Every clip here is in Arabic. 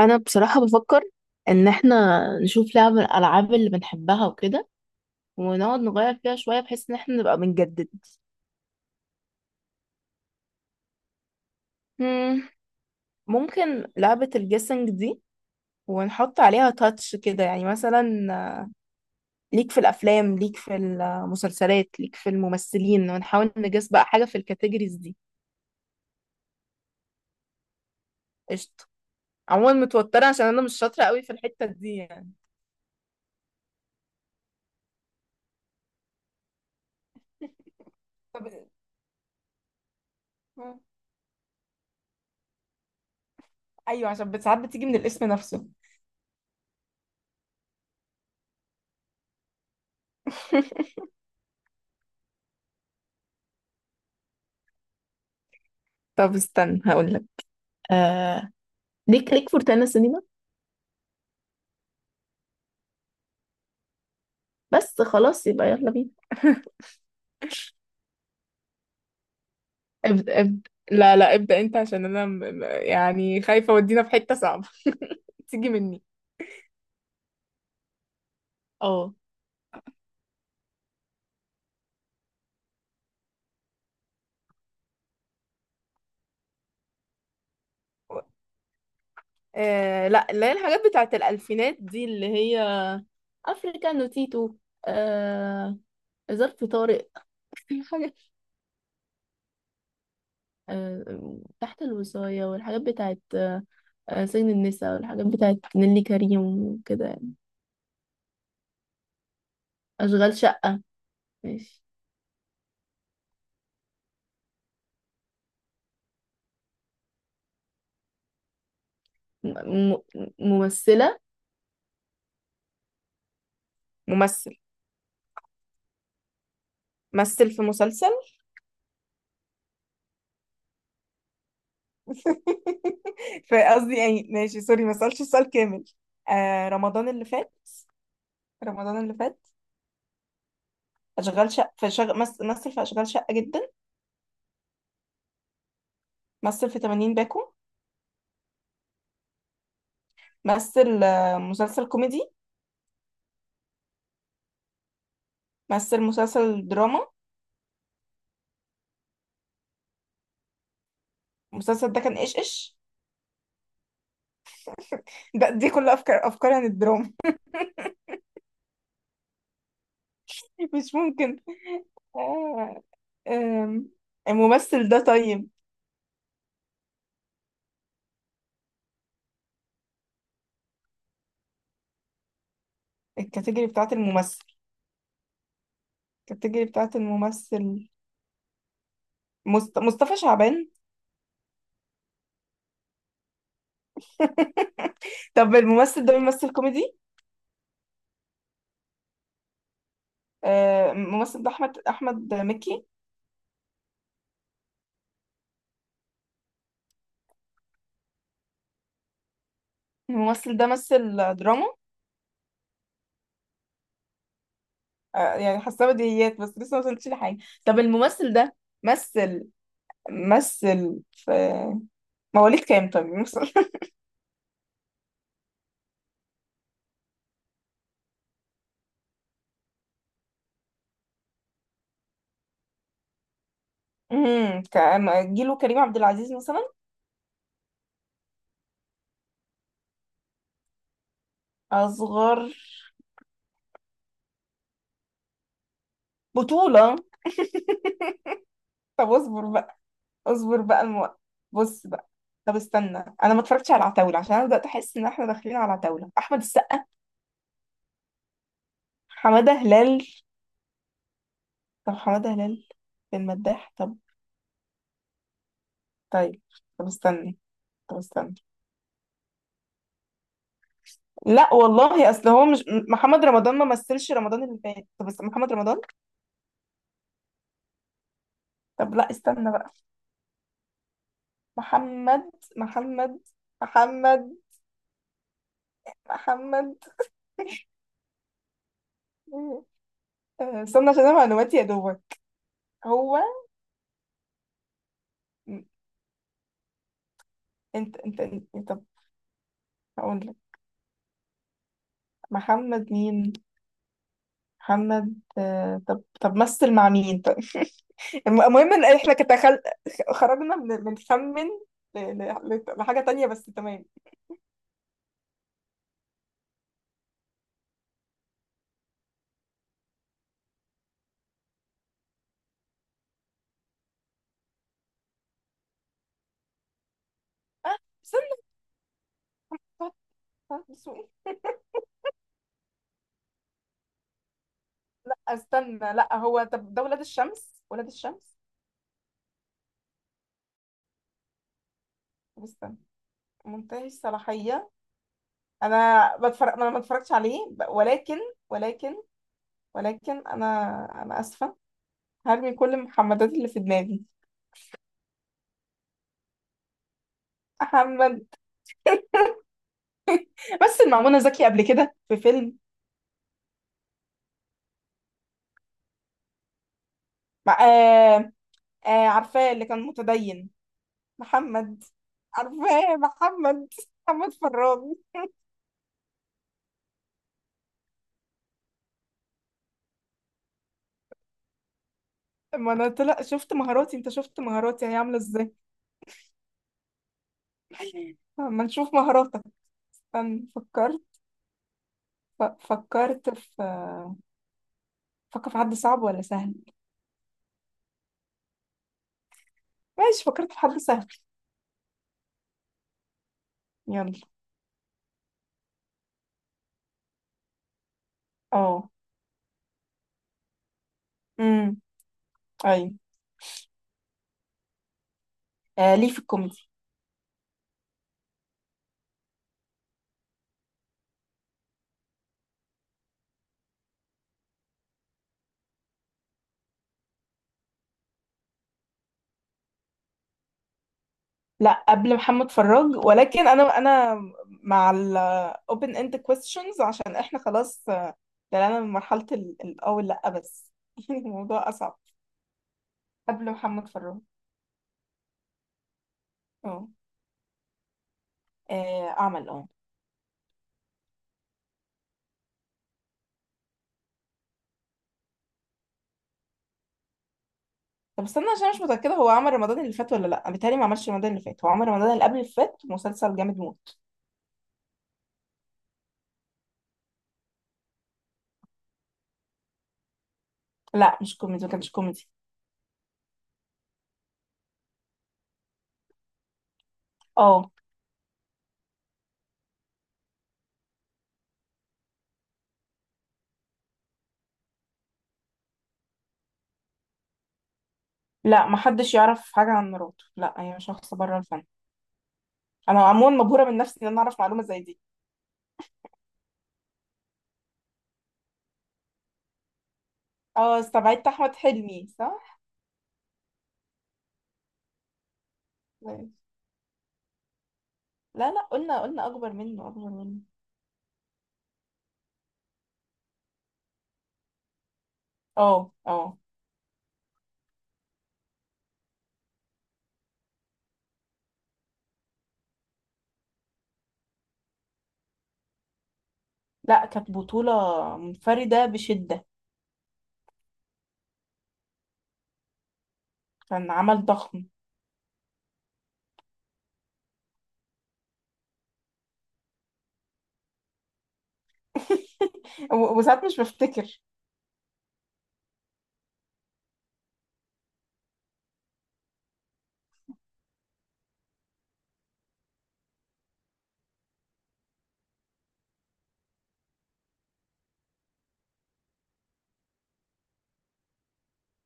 انا بصراحة بفكر ان احنا نشوف لعبة من الالعاب اللي بنحبها وكده، ونقعد نغير فيها شوية بحيث ان احنا نبقى بنجدد. مم، ممكن لعبة الجيسنج دي، ونحط عليها تاتش كده، يعني مثلا ليك في الافلام، ليك في المسلسلات، ليك في الممثلين، ونحاول نجس بقى حاجة في الكاتيجوريز دي. قشطة. عموما متوترة عشان انا مش شاطرة قوي في الحتة دي يعني. طب. مم. ايوه، عشان ساعات بتيجي من الاسم نفسه. طب استنى هقولك. آه، ليك في روتانا سينما. بس خلاص يبقى يلا بينا. ابدأ ابدأ، لا لا، ابدأ انت، عشان انا يعني خايفة اودينا في حتة صعبة. تيجي مني. اه. آه لا، اللي هي الحاجات بتاعت الألفينات دي، اللي هي افريكانو تيتو. آه... ظرف طارق. الحاجات تحت الوصاية، والحاجات بتاعت سجن النساء، والحاجات بتاعت نيللي كريم وكده يعني. أشغال شقة. ماشي. م... م... ممثلة. ممثل. مثل في مسلسل. فقصدي يعني، ماشي سوري ما سألتش السؤال كامل. آه رمضان اللي فات. رمضان اللي فات. أشغال شقة. في مثل في أشغال شقة جدا. مثل في 80 باكو. مثل مسلسل كوميدي. مثل مسلسل دراما. المسلسل ده كان إيش. ده كل أفكار عن الدراما. مش ممكن. آه... آم، الممثل ده طيب. الكاتيجوري بتاعت الممثل. الكاتيجوري بتاعت الممثل. مصطفى شعبان. طب الممثل ده بيمثل كوميدي. آه، الممثل ده احمد مكي. الممثل ده مثل دراما. آه يعني، حاسه بديهيات بس لسه ما وصلتش لحاجه. طب الممثل ده مثل. مثل في مواليد كام؟ طب مثل. كان جيله كريم عبد العزيز مثلا. اصغر. بطوله. طب اصبر بقى. اصبر بقى الموقف. بص بقى. طب استنى. انا ما اتفرجتش على العتاوله عشان انا بدات احس ان احنا داخلين على عتاوله احمد السقا. حماده هلال. طب حمادة هلال في المداح. طب، طيب، طب استني طب استني. لا والله، اصل هو مش محمد رمضان، ما مثلش رمضان اللي فات. محمد رمضان. طب لا استنى بقى. محمد، محمد، محمد، محمد. آه، استنى عشان انا معلوماتي يا دوبك. هو م- انت انت انت طب هقول لك. محمد مين؟ محمد، آه، طب طب مثل مع مين طيب؟ المهم ان احنا خرجنا من بنخمن لحاجة تانية، بس تمام. آه، استنى. طب- طب، سوق. لا استنى، لا هو طب ده ولاد الشمس، ولاد الشمس. طب استنى، منتهي الصلاحية. انا بتفرج، انا ما اتفرجتش عليه ولكن، ولكن ولكن انا اسفة. هرمي كل المحمدات اللي في دماغي. محمد. بس المعمونة زكي قبل كده في فيلم. مع... آه، آه عارفاه، اللي كان متدين. محمد. عارفاه. محمد محمد فراج. ما انا طلع شفت مهاراتي. انت شفت مهاراتي هي عامله ازاي. ما نشوف مهاراتك. استنى، فكرت. فكرت في. فكر في حد صعب ولا سهل؟ ماشي، فكرت في حد سهل. يلا. اه. امم. ايوه. آه، ليه في الكوميدي. لا، قبل محمد فراج، ولكن انا مع ال open end questions، عشان احنا خلاص طلعنا من مرحلة الاول، لا بس. الموضوع اصعب. قبل محمد فراج. اه. آه، عمل اه. طب استنى عشان مش متأكدة هو عمل رمضان اللي فات ولا لا. بالتالي، ما عملش رمضان اللي فات، هو عمل رمضان اللي قبل اللي فات، مسلسل جامد موت. لا مش كوميدي، ما كانش كوميدي. اه. لا ما حدش يعرف حاجة عن مراته، لا هي شخص بره الفن. انا عموما مبهورة من نفسي ان انا اعرف معلومة زي دي. اه استبعدت احمد حلمي، صح. لا لا، قلنا اكبر منه، اكبر منه. اه اه. لا كانت بطولة منفردة بشدة. كان عمل ضخم. وساعات مش بفتكر.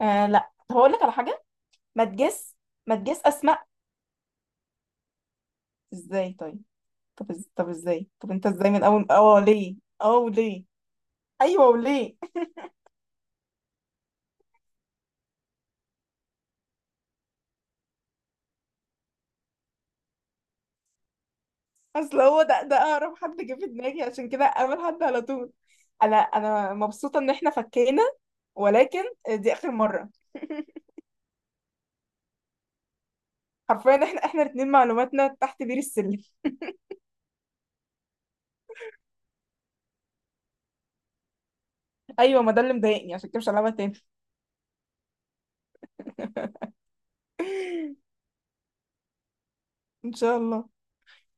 آه لا، طب هقول لك على حاجة. ما تجس ما تجس اسماء. ازاي طيب؟ طب ازاي؟ طب انت ازاي من اول اه ليه؟ اه ليه ايوه وليه؟ اصل هو ده اقرب حد جه في دماغي، عشان كده اول حد على طول. انا مبسوطة ان احنا فكينا. ولكن دي اخر مرة. حرفيا احنا الاتنين معلوماتنا تحت بير السلم. ايوه، ما ده اللي مضايقني، عشان كده مش هلعبها تاني. ان شاء الله.